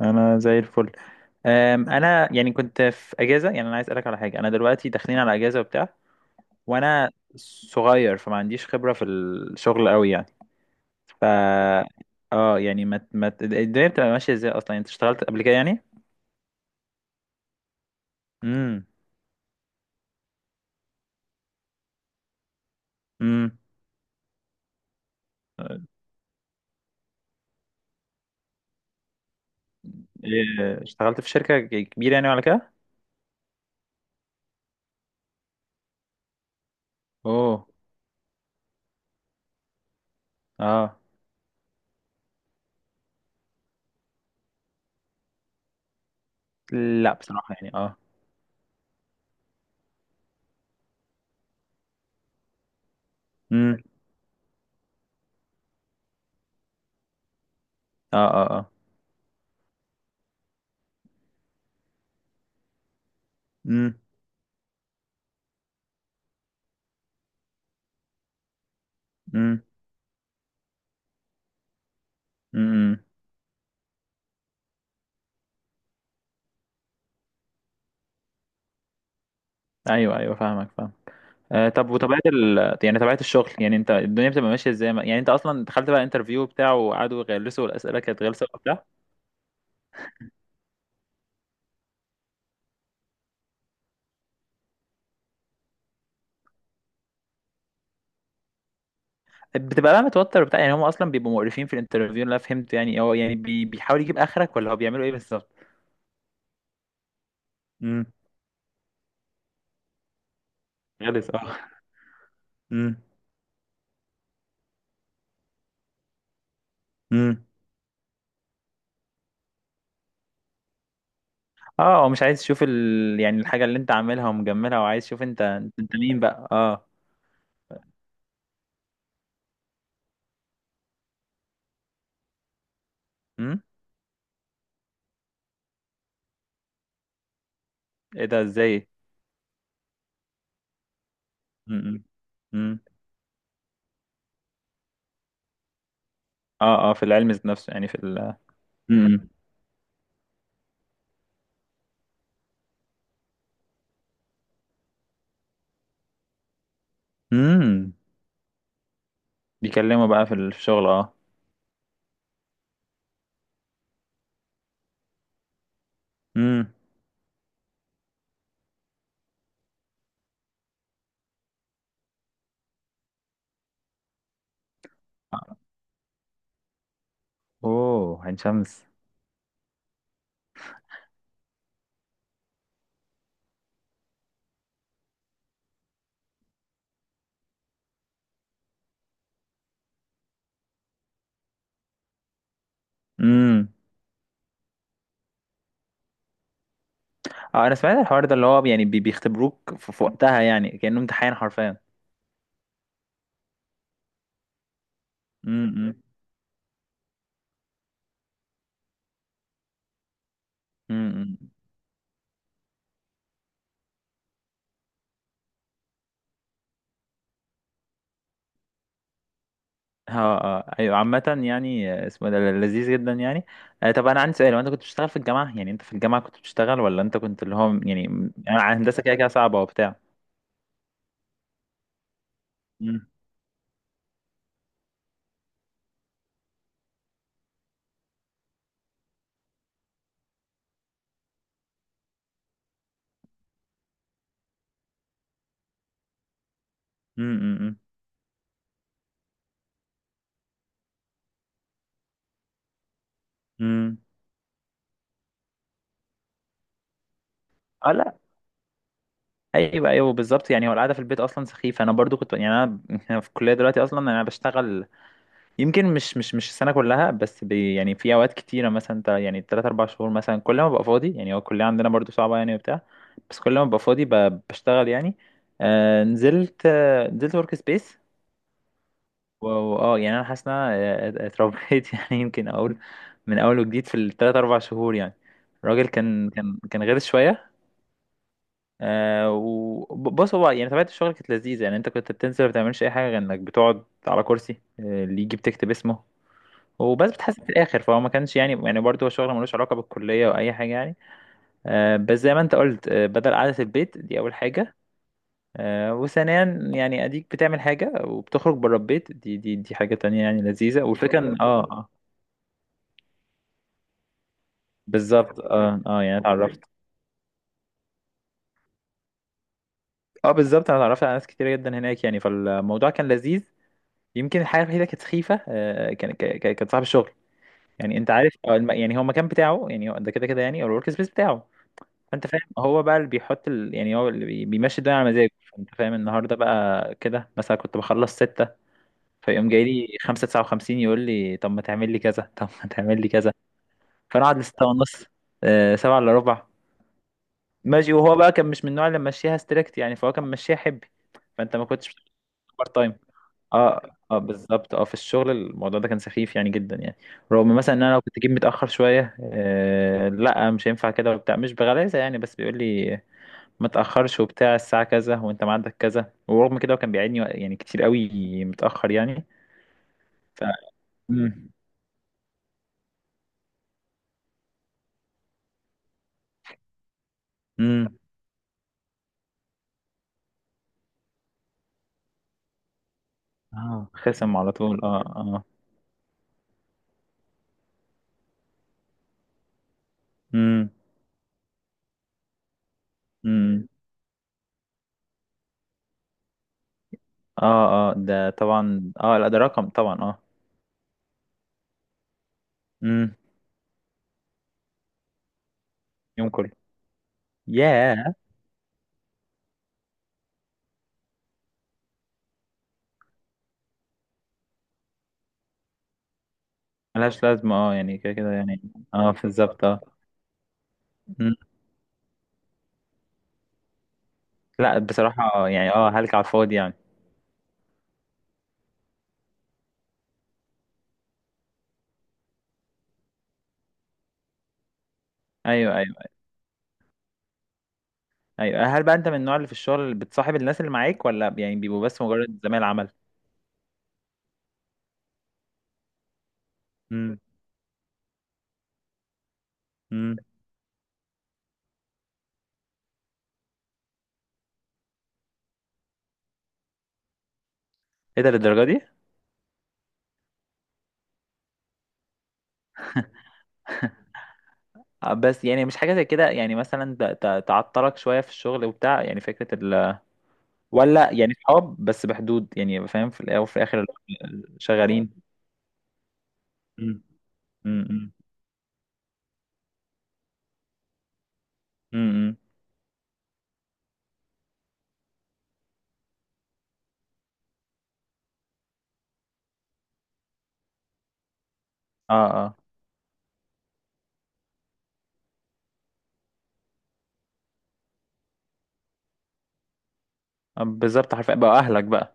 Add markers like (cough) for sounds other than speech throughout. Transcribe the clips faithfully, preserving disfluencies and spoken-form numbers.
انا زي الفل. أم، انا يعني كنت في اجازه، يعني انا عايز اسالك على حاجه، انا دلوقتي داخلين على اجازه وبتاع، وانا صغير فما عنديش خبره في الشغل قوي يعني. ف اه يعني ما ما الدنيا بتبقى ماشيه ازاي اصلا؟ يعني انت اشتغلت قبل كده يعني؟ امم. امم. إيه، اشتغلت في شركه كبيره يعني ولا كده؟ اوه. اه. لا بصراحه يعني، اه. امم. اه اه اه. امم. امم. امم. ايوه ايوه فاهمك، فاهم. آه، طب وطبيعة ال... يعني طبيعة الشغل، يعني انت الدنيا بتبقى ماشية ازاي؟ ما- يعني انت اصلا دخلت بقى انترفيو بتاعه وقعدوا يغلسوا؟ الاسئلة كانت غلسة وبتاع؟ بتبقى بقى متوتر وبتاع يعني، هم اصلا بيبقوا مقرفين في الانترفيو؟ اللي انا فهمت يعني هو يعني بي... بيحاول يجيب اخرك، ولا هو بيعملوا ايه بالظبط؟ امم. غلس، اه. امم. امم. اه، هو مش عايز يشوف ال... يعني الحاجة اللي انت عاملها ومجملها، وعايز يشوف انت، انت مين بقى؟ اه. امم. ايه ده؟ ازاي؟ امم. امم. اه اه، في العلم ذات نفسه يعني، في ال... امم. امم. بيكلموا بقى في الشغل، اه. امم. اوه، عين شمس. امم. اه، انا سمعت الحوار ده اللي هو يعني بي- بيختبروك في في وقتها، يعني كأنه امتحان حرفيا. امم. امم. اه اه. ايوه عامة يعني، آه، اسمه ده لذيذ جدا يعني. آه، طب انا عندي سؤال، وانت كنت بتشتغل في الجامعة؟ يعني انت في الجامعة كنت بتشتغل، ولا انت كنت اللي هو يعني م- يعني هندسة كده كده صعبة وبتاع؟ امم. امم. امم. اه، لا. ايوه ايوه بالظبط، يعني هو القعده في البيت اصلا سخيفه، انا برضو كنت يعني، انا (laughs) في الكليه دلوقتي اصلا انا بشتغل. يمكن مش مش مش السنة كلها، بس بي يعني في أوقات كتيرة، مثلا تا- يعني تلات أربع شهور مثلا، كل ما ببقى فاضي يعني، هو الكلية عندنا برضو صعبة يعني وبتاع. بس كل ما ببقى فاضي ب- بشتغل يعني. آه نزلت آه نزلت ورك سبيس. واه يعني أنا حاسس إن أنا، آه، اتربيت (laughs) يعني يمكن أقول من أول وجديد في التلات أربع شهور يعني، الراجل كان كان كان غير شوية. آه وبص، هو يعني طبيعة الشغل كانت لذيذة يعني، أنت كنت بتنزل ما بتعملش أي حاجة، غير إنك بتقعد على كرسي، آه، اللي يجي بتكتب اسمه وبس، بتحاسب في الاخر، فهو ما كانش يعني، يعني برضه هو شغل ملوش علاقه بالكليه او اي حاجه يعني. آه بس زي ما انت قلت، آه بدل قعده البيت دي اول حاجه، آه وثانيا يعني اديك بتعمل حاجه وبتخرج بره البيت، دي دي دي حاجه تانية يعني لذيذه، والفكره ان اه اه. بالظبط اه اه، يعني اتعرفت. اه بالظبط، انا اتعرفت على ناس كتير جدا هناك يعني، فالموضوع كان لذيذ. يمكن الحاجه الوحيده كانت سخيفه، آه، كان ك- ك- كانت صاحب الشغل، يعني انت عارف، آه، الم- يعني هو المكان بتاعه، يعني هو ده كده كده يعني، او الورك سبيس بتاعه. فانت فاهم، هو بقى اللي بيحط ال... يعني هو اللي بي- بيمشي الدنيا على مزاجه، فانت فاهم، النهارده بقى كده مثلا كنت بخلص ستة، فيقوم جاي لي خمسة تسعة وخمسين يقول لي طب ما تعمل لي كذا، طب ما تعمل لي كذا، فانا اقعد لستة ونص، آه، سبعة الا ربع، ماشي. وهو بقى كان مش من النوع اللي ماشيها ستريكت يعني، فهو كان ماشيها حبي، فانت ما كنتش بارت تايم. اه اه بالظبط، اه، في الشغل الموضوع ده كان سخيف يعني جدا يعني، رغم مثلا ان انا لو كنت جيت متاخر شويه، آه لا مش هينفع كده وبتاع، مش بغلاسه يعني، بس بيقول لي ما تاخرش وبتاع الساعه كذا وانت ميعادك كذا، ورغم كده هو كان بيعيدني يعني كتير قوي متاخر يعني. ف امم. امم. اه، خصم على طول، اه اه. امم. امم. اه اه ده طبعا، اه لا ده رقم طبعا، اه. امم. يوم كله. ياه. ملهاش لازمه اه، يعني كده كده يعني. اه بالظبط اه. مم. لا بصراحه، آه، يعني اه، هلك على الفاضي يعني. ايوه ايوه ايوه، هل بقى انت من النوع اللي في الشغل اللي بتصاحب الناس اللي معاك، ولا يعني بيبقوا بس مجرد زمايل عمل؟ امم. امم. ايه ده؟ للدرجه دي؟ آه، بس يعني مش حاجة زي كده، يعني مثلا ت- ت- تعطلك شوية في الشغل وبتاع، يعني فكرة ال ولا يعني صحاب بس بحدود يعني، فاهم، في الأول وفي الآخر. شغالين. مم. مم. مم. مم. اه اه. آه بالظبط، حرفيا بقى أهلك بقى.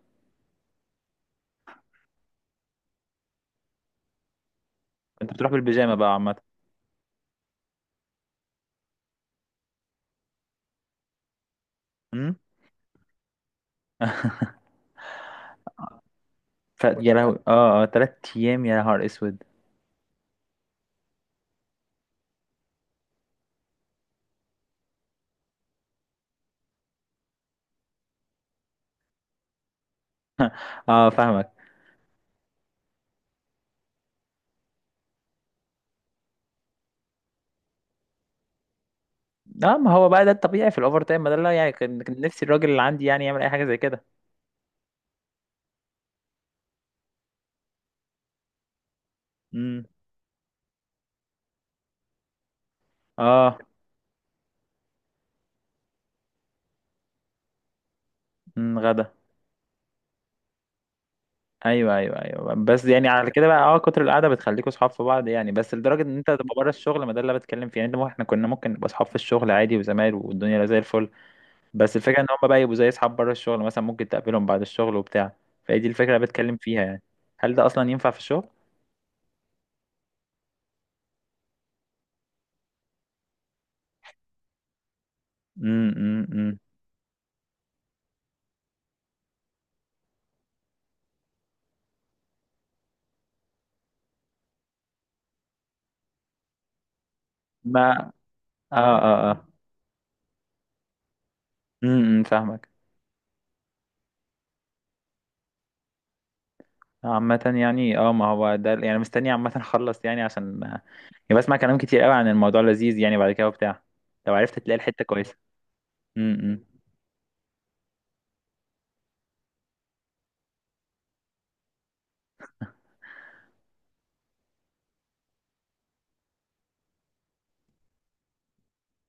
أنت بتروح بالبيجامة بقى عامة. مم؟ (laughs) ف يا لهوي، اه اه، تلات أيام، يا نهار أسود. اه، فاهمك. اه، ما هو بقى ده الطبيعي في الأوفر تايم، ما ده اللي يعني كان كان نفسي الراجل اللي عندي يعني يعمل أي حاجة زي كده. مم. اه. مم، غدا. ايوه ايوه ايوه، بس يعني على كده بقى، اه، كتر القعده بتخليكوا صحاب في بعض يعني، بس لدرجه ان انت تبقى بره الشغل؟ ما ده اللي أنا بتكلم فيه يعني، انت احنا كنا ممكن نبقى صحاب في الشغل عادي وزمايل والدنيا زي الفل. بس الفكره ان هم بقى يبقوا زي اصحاب بره الشغل، مثلا ممكن تقابلهم بعد الشغل وبتاع، فهي دي الفكره اللي بتكلم فيها يعني، هل ده اصلا ينفع في الشغل؟ امم. امم. إمم. ما اه اه اه. امم. إمم، فاهمك. عامة يعني اه، ما هو ده يعني مستني عامة اخلص يعني عشان، يعني بسمع كلام كتير قوي عن الموضوع لذيذ يعني بعد كده وبتاع. لو عرفت تلاقي الحتة كويسة. امم. إمم.